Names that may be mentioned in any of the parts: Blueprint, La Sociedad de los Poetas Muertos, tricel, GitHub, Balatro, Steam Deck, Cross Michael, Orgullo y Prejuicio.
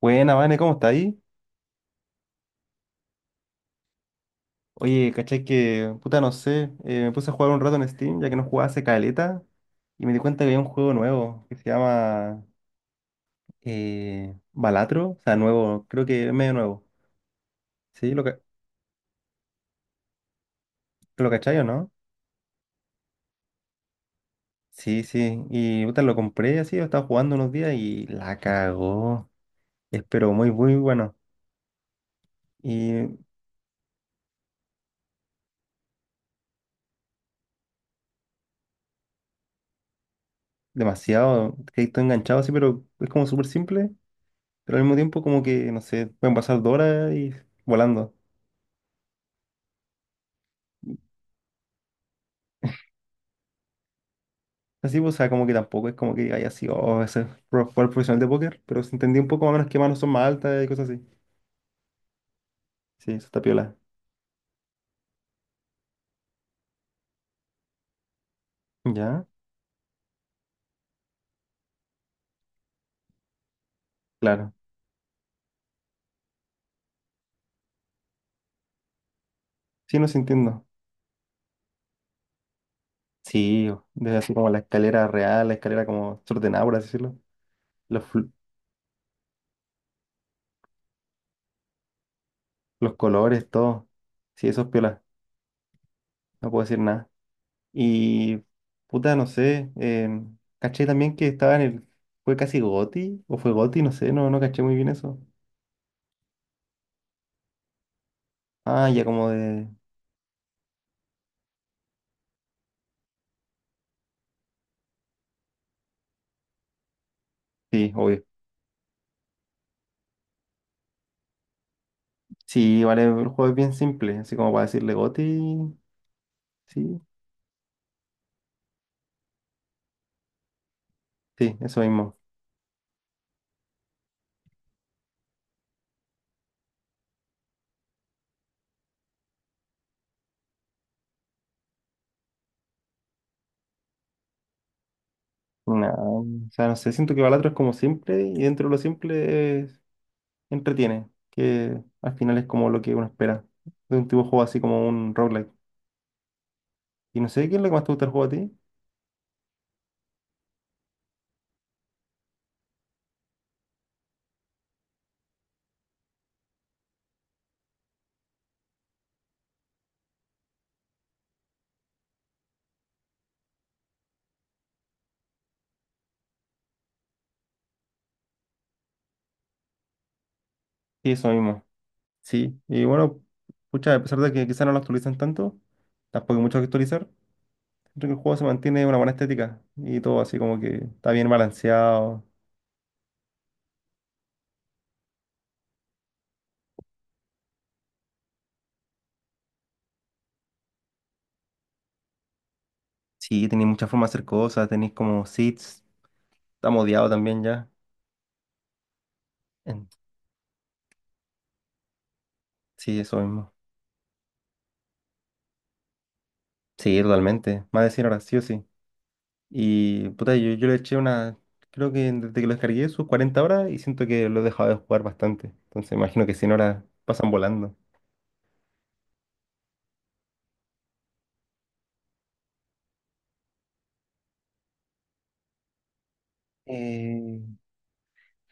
Buena, Vane, ¿cómo está ahí? Oye, ¿cachai que, puta, no sé, me puse a jugar un rato en Steam, ya que no jugaba hace caleta, y me di cuenta que había un juego nuevo que se llama Balatro, o sea, nuevo, creo que es medio nuevo. ¿Sí? ¿Lo cachai o no? Sí, sí, y puta, lo compré así, lo estaba jugando unos días y la cagó. Es pero muy, muy bueno. Y demasiado, que estoy enganchado así, pero es como súper simple, pero al mismo tiempo como que, no sé, pueden pasar dos horas y volando. Así, pues, o sea, como que tampoco es como que haya sido oh, jugador profesional de póker, pero se entendía un poco más o menos qué manos son más altas y cosas así. Sí, eso está piola. ¿Ya? Claro. Sí, no se entiendo. Sí, desde así como la escalera real, la escalera como desordenada, por así decirlo. Los, fl- los colores, todo. Sí, eso es piola. No puedo decir nada. Y puta, no sé. Caché también que estaba en el. ¿Fue casi Goti? ¿O fue Goti? No sé, no, no caché muy bien eso. Ah, ya como de. Sí, obvio. Sí, vale, el juego es bien simple, así como para decirle Goti, sí, sí, eso mismo. No, o sea, no sé, siento que Balatro es como simple y dentro de lo simple entretiene, que al final es como lo que uno espera de un tipo de juego así como un roguelike. Y no sé, ¿qué es lo que más te gusta del juego a ti? Sí, eso mismo, sí. Y bueno, pucha, a pesar de que quizás no lo actualizan tanto, tampoco hay mucho que actualizar, siento que el juego se mantiene una buena estética y todo así como que está bien balanceado. Sí, tenéis muchas formas de hacer cosas, tenéis como seeds, está modiado también ya. En- Sí, eso mismo. Sí, totalmente. Más de cien horas sí o sí. Y puta, yo le eché una. Creo que desde que lo descargué sus 40 horas y siento que lo he dejado de jugar bastante. Entonces imagino que 100 horas pasan volando. Eh,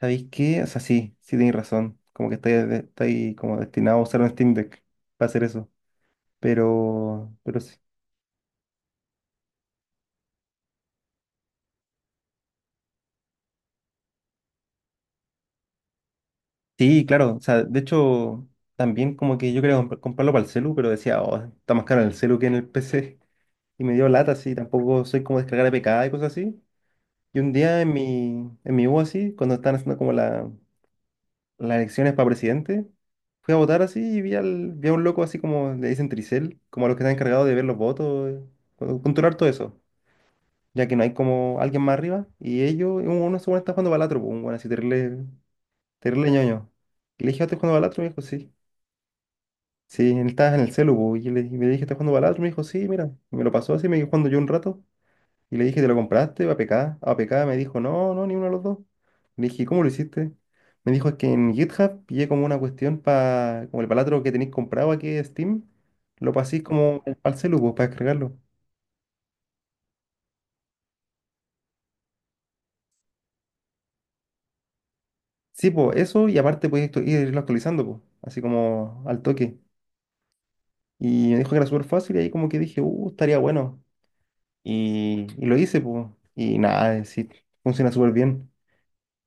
¿Sabéis qué? O sea, sí, sí tenéis razón. Como que estáis, estáis como destinado a usar un Steam Deck para hacer eso. Pero sí. Sí, claro. O sea, de hecho, también como que yo quería comprarlo para el celu, pero decía, oh, está más caro en el celu que en el PC. Y me dio lata así, tampoco soy como descargar APK y cosas así. Y un día en en mi U así, cuando estaban haciendo como las elecciones para presidente, fui a votar así y vi, al, vi a un loco así como le dicen tricel, como a los que están encargados de ver los votos, controlar todo eso, ya que no hay como alguien más arriba. Y ellos, uno según está jugando balatro, pues, un bueno, así terrible, terrible ñoño. Y le dije, "Ah, ¿estás jugando balatro? Me dijo, sí. Sí, él estaba en el celu, pues, y, yo le, y le dije, ¿estás jugando balatro? Me dijo, sí, mira. Y me lo pasó así, me quedé jugando yo un rato. Y le dije, ¿te lo compraste? APK. APK me dijo, no, no, ni uno de los dos. Le dije, ¿cómo lo hiciste? Me dijo, es que en GitHub pillé como una cuestión para, como el palatro que tenéis comprado aquí de Steam, lo paséis como al celu, pues, para descargarlo. Sí, pues, eso, y aparte podéis irlo actualizando, pues, así como al toque. Y me dijo que era súper fácil, y ahí como que dije, estaría bueno. Y lo hice, pues, y nada, sí, funciona súper bien.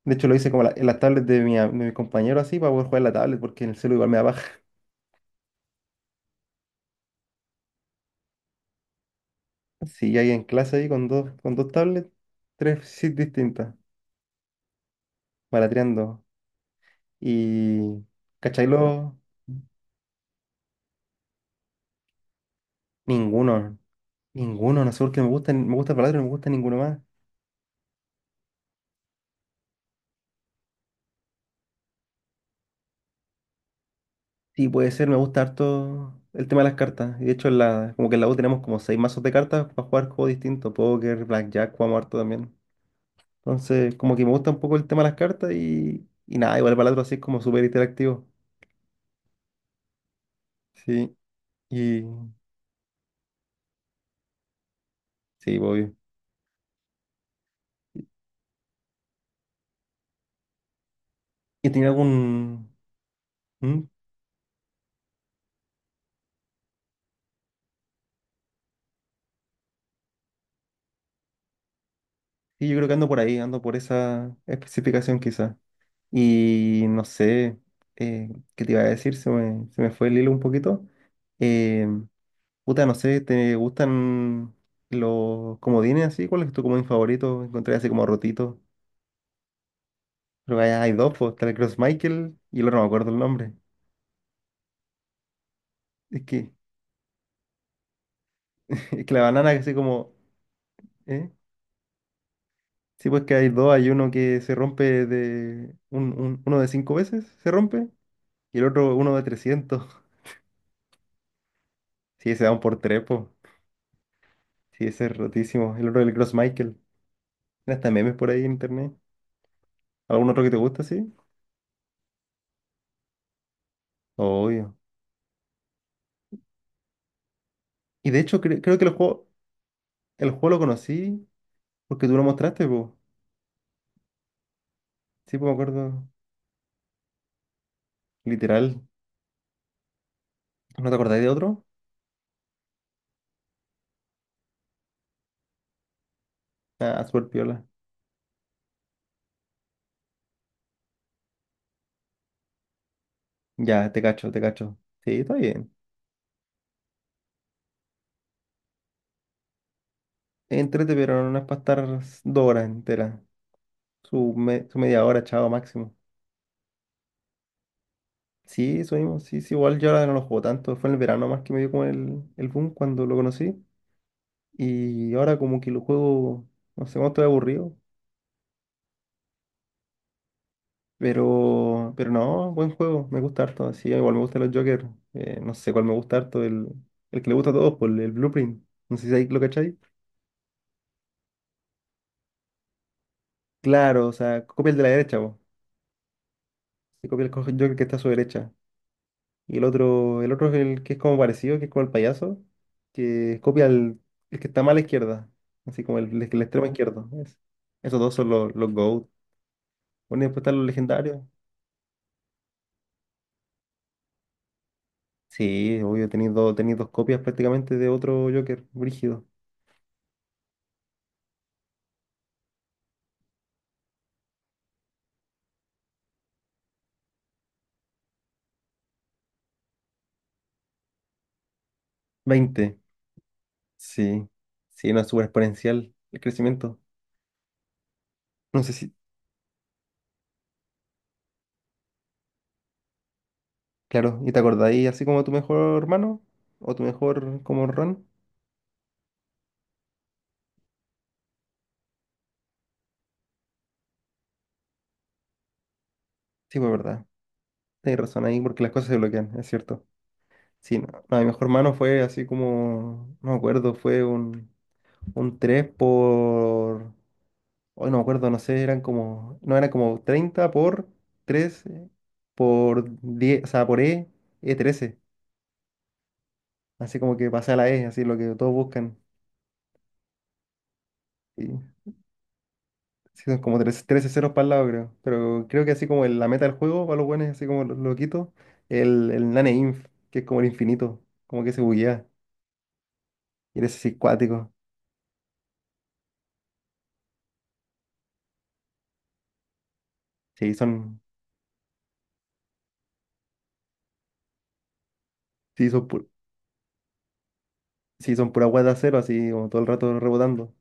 De hecho, lo hice como en las tablets de de mi compañero, así, para poder jugar en la tablet, porque en el celu igual me da paja. Sí, hay en clase ahí con dos tablets, tres sit distintas, malatreando. Y, ¿cachai? Los, ninguno, ninguno, no sé por qué me gusta el Balatro, no me gusta ninguno más. Sí, puede ser, me gusta harto el tema de las cartas. Y de hecho, en la, como que en la U tenemos como seis mazos de cartas para jugar juegos distintos, póker, blackjack, jugamos harto también. Entonces, como que me gusta un poco el tema de las cartas y nada, igual el Balatro así es como súper interactivo. Sí, y sí, obvio. ¿Y tenía algún... ¿Mm? Sí, yo creo que ando por ahí, ando por esa especificación quizá. Y no sé, eh, ¿qué te iba a decir? Se me fue el hilo un poquito. Eh, Puta, no sé, ¿te gustan los comodines así? ¿Cuál es tu comodín favorito? Encontré así como rotito. Creo que hay dos, pues, está el Cross Michael y el otro no me acuerdo el nombre. Es que, es que la banana así como... ¿eh? Sí, pues que hay dos, hay uno que se rompe de... Uno de cinco veces se rompe y el otro uno de 300. Sí, se dan por trepo. Sí, ese es rotísimo. El otro del Cross Michael. Tiene hasta memes por ahí en internet. ¿Algún otro que te gusta, sí? Obvio. Y de hecho, creo que el juego lo conocí porque tú lo mostraste, po. Sí, pues me acuerdo. Literal. ¿No te acordáis de otro? Ah, super piola. Ya, te cacho, te cacho. Sí, está bien. Entrete, pero no es para estar dos horas enteras. Su media hora, chao, máximo. Sí, eso mismo. Sí, sí, igual yo ahora no lo juego tanto. Fue en el verano más que me dio como el boom cuando lo conocí. Y ahora como que lo juego, no sé cómo estoy aburrido, pero no, buen juego, me gusta harto. Sí, igual me gustan los Joker, no sé cuál me gusta harto, el que le gusta a todos, por el Blueprint. No sé si ahí lo cachai. Claro, o sea, copia el de la derecha, vos. Se copia el Joker que está a su derecha. Y el otro es el que es como parecido, que es como el payaso, que copia el que está más a la izquierda, así como el extremo izquierdo. Esos dos son los GOAT. Bueno, y después están los legendarios. Sí, obvio, tenéis dos copias prácticamente de otro Joker, brígido. Veinte, sí. Sí, no es súper exponencial el crecimiento. No sé si. Claro, ¿y te acordáis así como tu mejor hermano? ¿O tu mejor como Ron? Sí, fue verdad. Tenéis razón ahí porque las cosas se bloquean, es cierto. Sí, no, no, mi mejor hermano fue así como. No me acuerdo, fue un 3 por. Hoy no me acuerdo, no sé, eran como, no, eran como 30 por 3 por 10 o sea, por E, e trece. Así como que pasé a la E, así lo que todos buscan. Y sí, son como 13, 13 ceros para el lado, creo. Pero creo que así como la meta del juego, para los buenos, así como lo quito, el nane inf, que es como el infinito, como que se buguea. Y eres así cuático. Sí, son, sí, sí, son pura guata cero, así como todo el rato rebotando.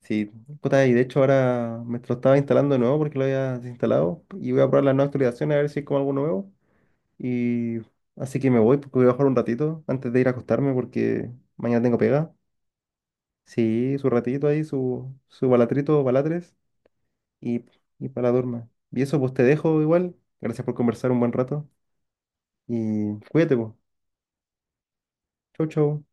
Sí, puta, y de hecho ahora me lo estaba instalando de nuevo porque lo había desinstalado y voy a probar las nuevas actualizaciones a ver si es como algo nuevo. Y así que me voy porque voy a bajar un ratito antes de ir a acostarme porque mañana tengo pega. Sí, su ratito ahí, su balatrito, balatres y, y para la durma. Y eso pues te dejo igual. Gracias por conversar un buen rato y cuídate pues. Chau, chau.